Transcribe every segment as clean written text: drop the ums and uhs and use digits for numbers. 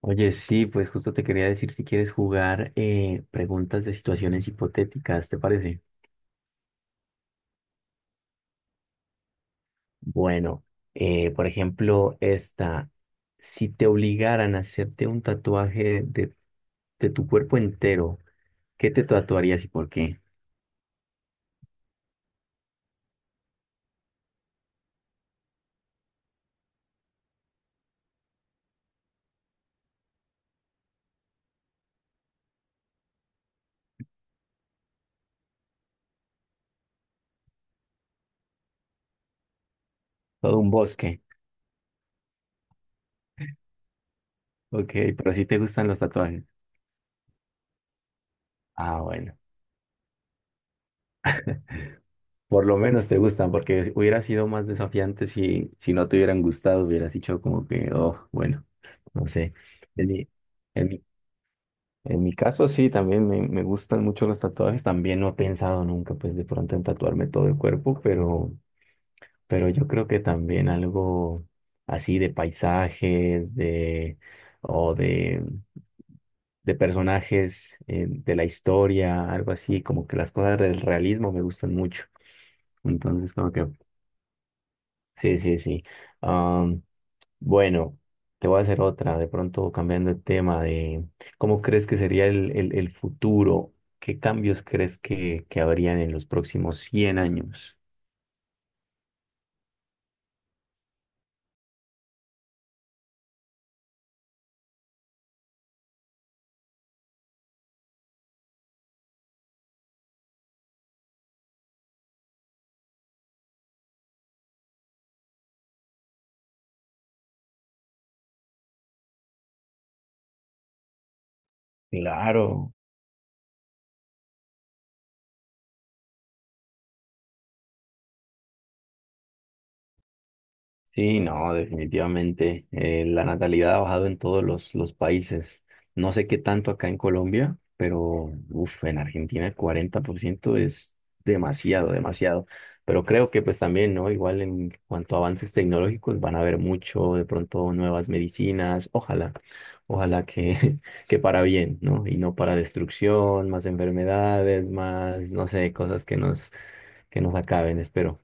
Oye, sí, pues justo te quería decir si quieres jugar preguntas de situaciones hipotéticas, ¿te parece? Bueno, por ejemplo, si te obligaran a hacerte un tatuaje de tu cuerpo entero, ¿qué te tatuarías y por qué? Todo un bosque. Ok, pero si te gustan los tatuajes. Ah, bueno, por lo menos te gustan, porque hubiera sido más desafiante si no te hubieran gustado, hubieras dicho como que, oh, bueno, no sé. En mi, en mi En mi caso, sí, también me gustan mucho los tatuajes. También no he pensado nunca, pues, de pronto en tatuarme todo el cuerpo, pero yo creo que también algo así de paisajes, de, o de, de personajes de la historia, algo así, como que las cosas del realismo me gustan mucho. Entonces, como que, sí, sí, sí. Bueno, te voy a hacer otra, de pronto cambiando el tema de cómo crees que sería el futuro, qué cambios crees que habrían en los próximos 100 años. Claro. Sí, no, definitivamente. La natalidad ha bajado en todos los países. No sé qué tanto acá en Colombia, pero uf, en Argentina el 40% es demasiado, demasiado. Pero creo que pues también, ¿no? Igual en cuanto a avances tecnológicos van a haber mucho, de pronto nuevas medicinas. Ojalá, ojalá que, que para bien, ¿no? Y no para destrucción, más enfermedades, más, no sé, cosas que que nos acaben, espero.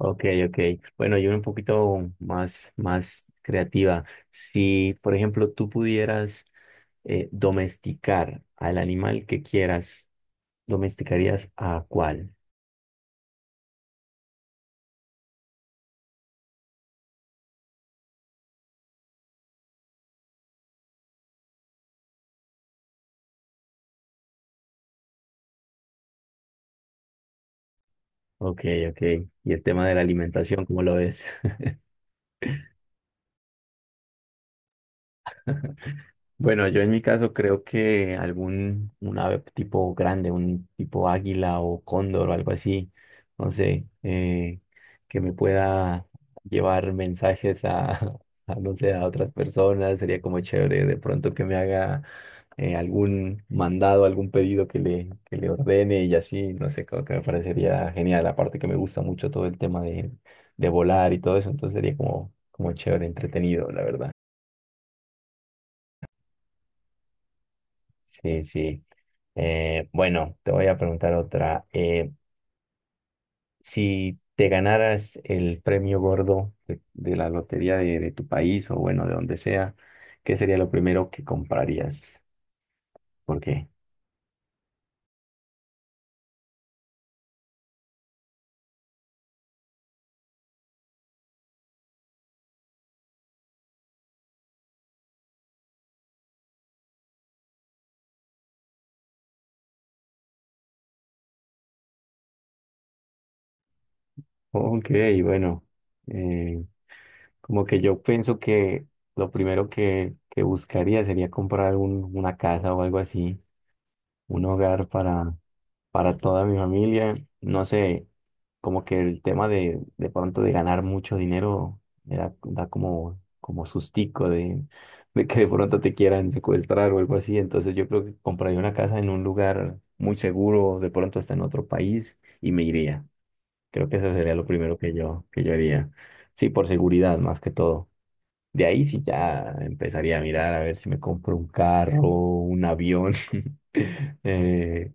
Ok, ok. Bueno, yo era un poquito más, más creativa. Si, por ejemplo, tú pudieras domesticar al animal que quieras, ¿domesticarías a cuál? Ok, ok. Y el tema de la alimentación, ¿cómo lo ves? Bueno, yo en mi caso creo que algún un ave tipo grande, un tipo águila o cóndor o algo así, no sé, que me pueda llevar mensajes a, no sé, a otras personas, sería como chévere de pronto que me haga algún mandado, algún pedido que que le ordene y así, no sé, creo que me parecería genial, aparte que me gusta mucho todo el tema de volar y todo eso, entonces sería como, como chévere, entretenido, la verdad. Sí, sí. Bueno, te voy a preguntar otra. Si te ganaras el premio gordo de la lotería de tu país o bueno, de donde sea, ¿qué sería lo primero que comprarías? ¿Por qué? Ok, bueno, eh, como que yo pienso que lo primero que buscaría sería comprar una casa o algo así, un hogar para toda mi familia. No sé, como que el tema de pronto de ganar mucho dinero me da, da como, como sustico de que de pronto te quieran secuestrar o algo así. Entonces yo creo que compraría una casa en un lugar muy seguro, de pronto hasta en otro país y me iría. Creo que eso sería lo primero que que yo haría. Sí, por seguridad más que todo. De ahí sí ya empezaría a mirar a ver si me compro un carro, un avión. eh,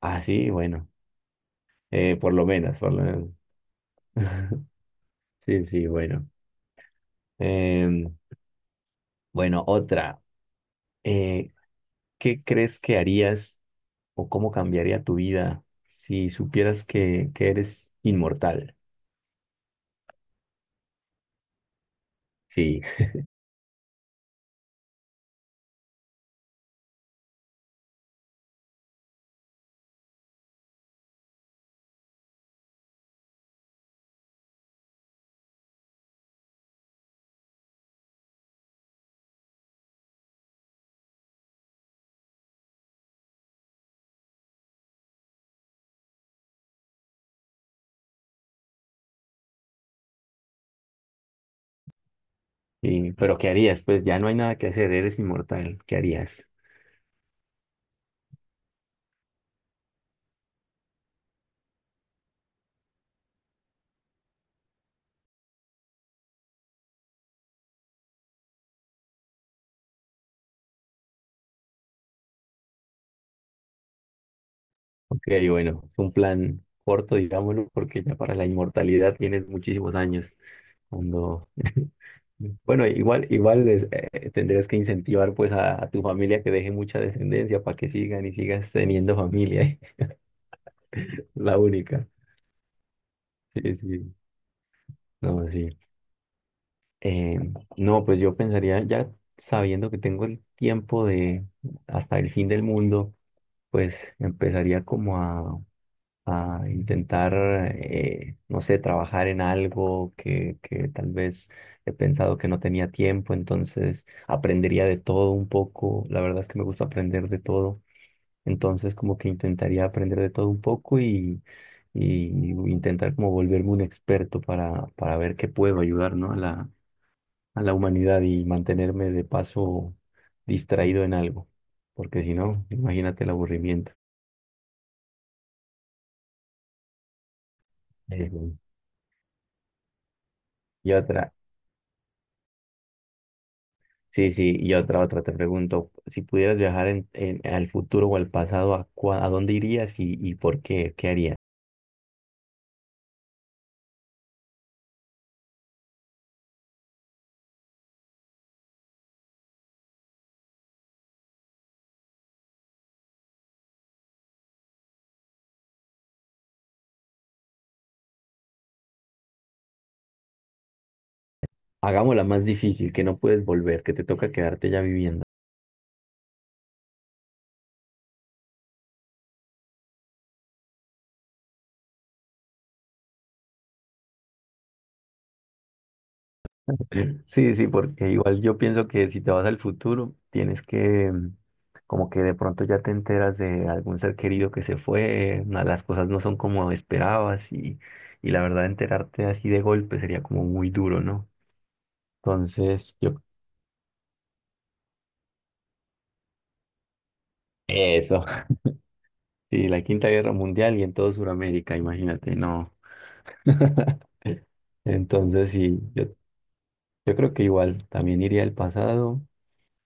así, bueno. Por lo menos, por lo menos. Sí, sí, bueno. Em, bueno, otra. Eh, ¿Qué crees que harías o cómo cambiaría tu vida si supieras que eres inmortal? Sí, sí, pero ¿qué harías? Pues ya no hay nada que hacer, eres inmortal. ¿Qué harías? Ok, bueno, es un plan corto, digámoslo, porque ya para la inmortalidad tienes muchísimos años. Cuando bueno, igual, igual es, tendrías que incentivar pues a tu familia que deje mucha descendencia para que sigan y sigas teniendo familia, la única. Sí, sí, no, sí. Eh, no, pues yo pensaría ya sabiendo que tengo el tiempo de hasta el fin del mundo, pues empezaría como a intentar, no sé, trabajar en algo que tal vez he pensado que no tenía tiempo, entonces aprendería de todo un poco. La verdad es que me gusta aprender de todo, entonces como que intentaría aprender de todo un poco y intentar como volverme un experto para ver qué puedo ayudar, ¿no? A la humanidad y mantenerme de paso distraído en algo, porque si no, imagínate el aburrimiento. Eh, y otra, sí, sí, y otra, otra, te pregunto, si pudieras viajar al futuro o al pasado, ¿a, a dónde irías y por qué? ¿Qué harías? Hagámosla más difícil, que no puedes volver, que te toca quedarte ya viviendo. Sí, sí, porque igual yo pienso que si te vas al futuro, tienes que, mm, como que de pronto ya te enteras de algún ser querido que se fue, las cosas no son como esperabas y la verdad enterarte así de golpe sería como muy duro, ¿no? Entonces, yo... Eso. Sí, la Quinta Guerra Mundial y en todo Sudamérica, imagínate, no. Entonces, sí, yo creo que igual también iría al pasado.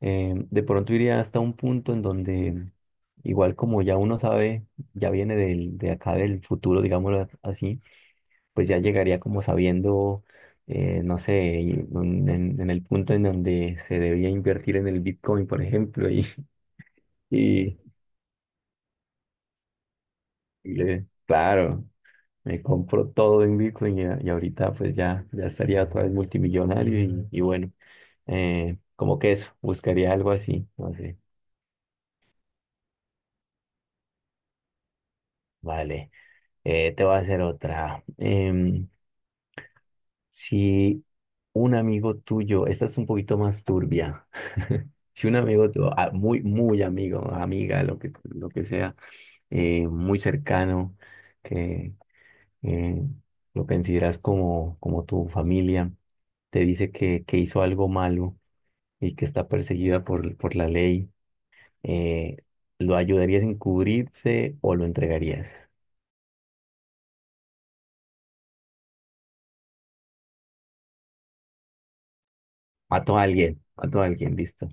Eh, de pronto iría hasta un punto en donde, igual como ya uno sabe, ya viene de acá del futuro, digámoslo así, pues ya llegaría como sabiendo, no sé, y en el punto en donde se debía invertir en el Bitcoin, por ejemplo, y, y, claro. Me compro todo en Bitcoin y ahorita pues ya, ya estaría otra vez multimillonario y bueno, como que eso, buscaría algo así, no sé. Vale, te voy a hacer otra. Em, si un amigo tuyo, esta es un poquito más turbia, si un amigo tuyo, ah, muy, muy amigo, amiga, lo que sea, muy cercano, que eh, lo consideras como, como tu familia, te dice que hizo algo malo y que está perseguida por la ley, eh, ¿lo ayudarías a encubrirse o lo entregarías? Mató a alguien, listo.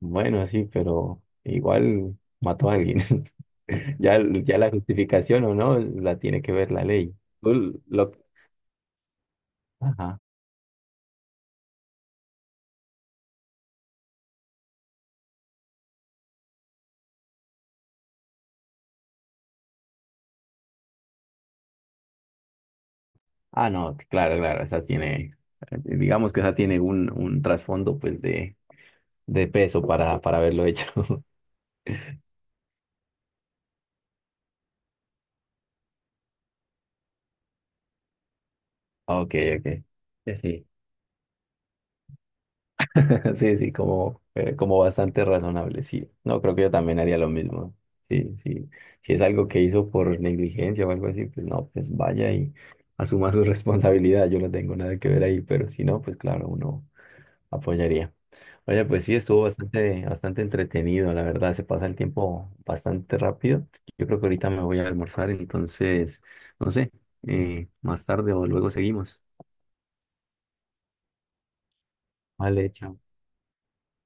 Bueno, sí, pero igual mató a alguien. Ya, ya la justificación o no la tiene que ver la ley. Tú lo- ajá. Ah, no, claro, claro, esa tiene, digamos que esa tiene un trasfondo pues de peso para haberlo hecho. Ok, ok. Sí, sí. Sí, sí, como, como bastante razonable, sí. No, creo que yo también haría lo mismo. Sí, sí. Si es algo que hizo por negligencia o algo así, pues no, pues vaya y asuma su responsabilidad. Yo no tengo nada que ver ahí, pero si no, pues claro, uno apoyaría. Oye, pues sí, estuvo bastante, bastante entretenido, la verdad, se pasa el tiempo bastante rápido. Yo creo que ahorita me voy a almorzar, entonces, no sé, más tarde o luego seguimos. Vale, chao.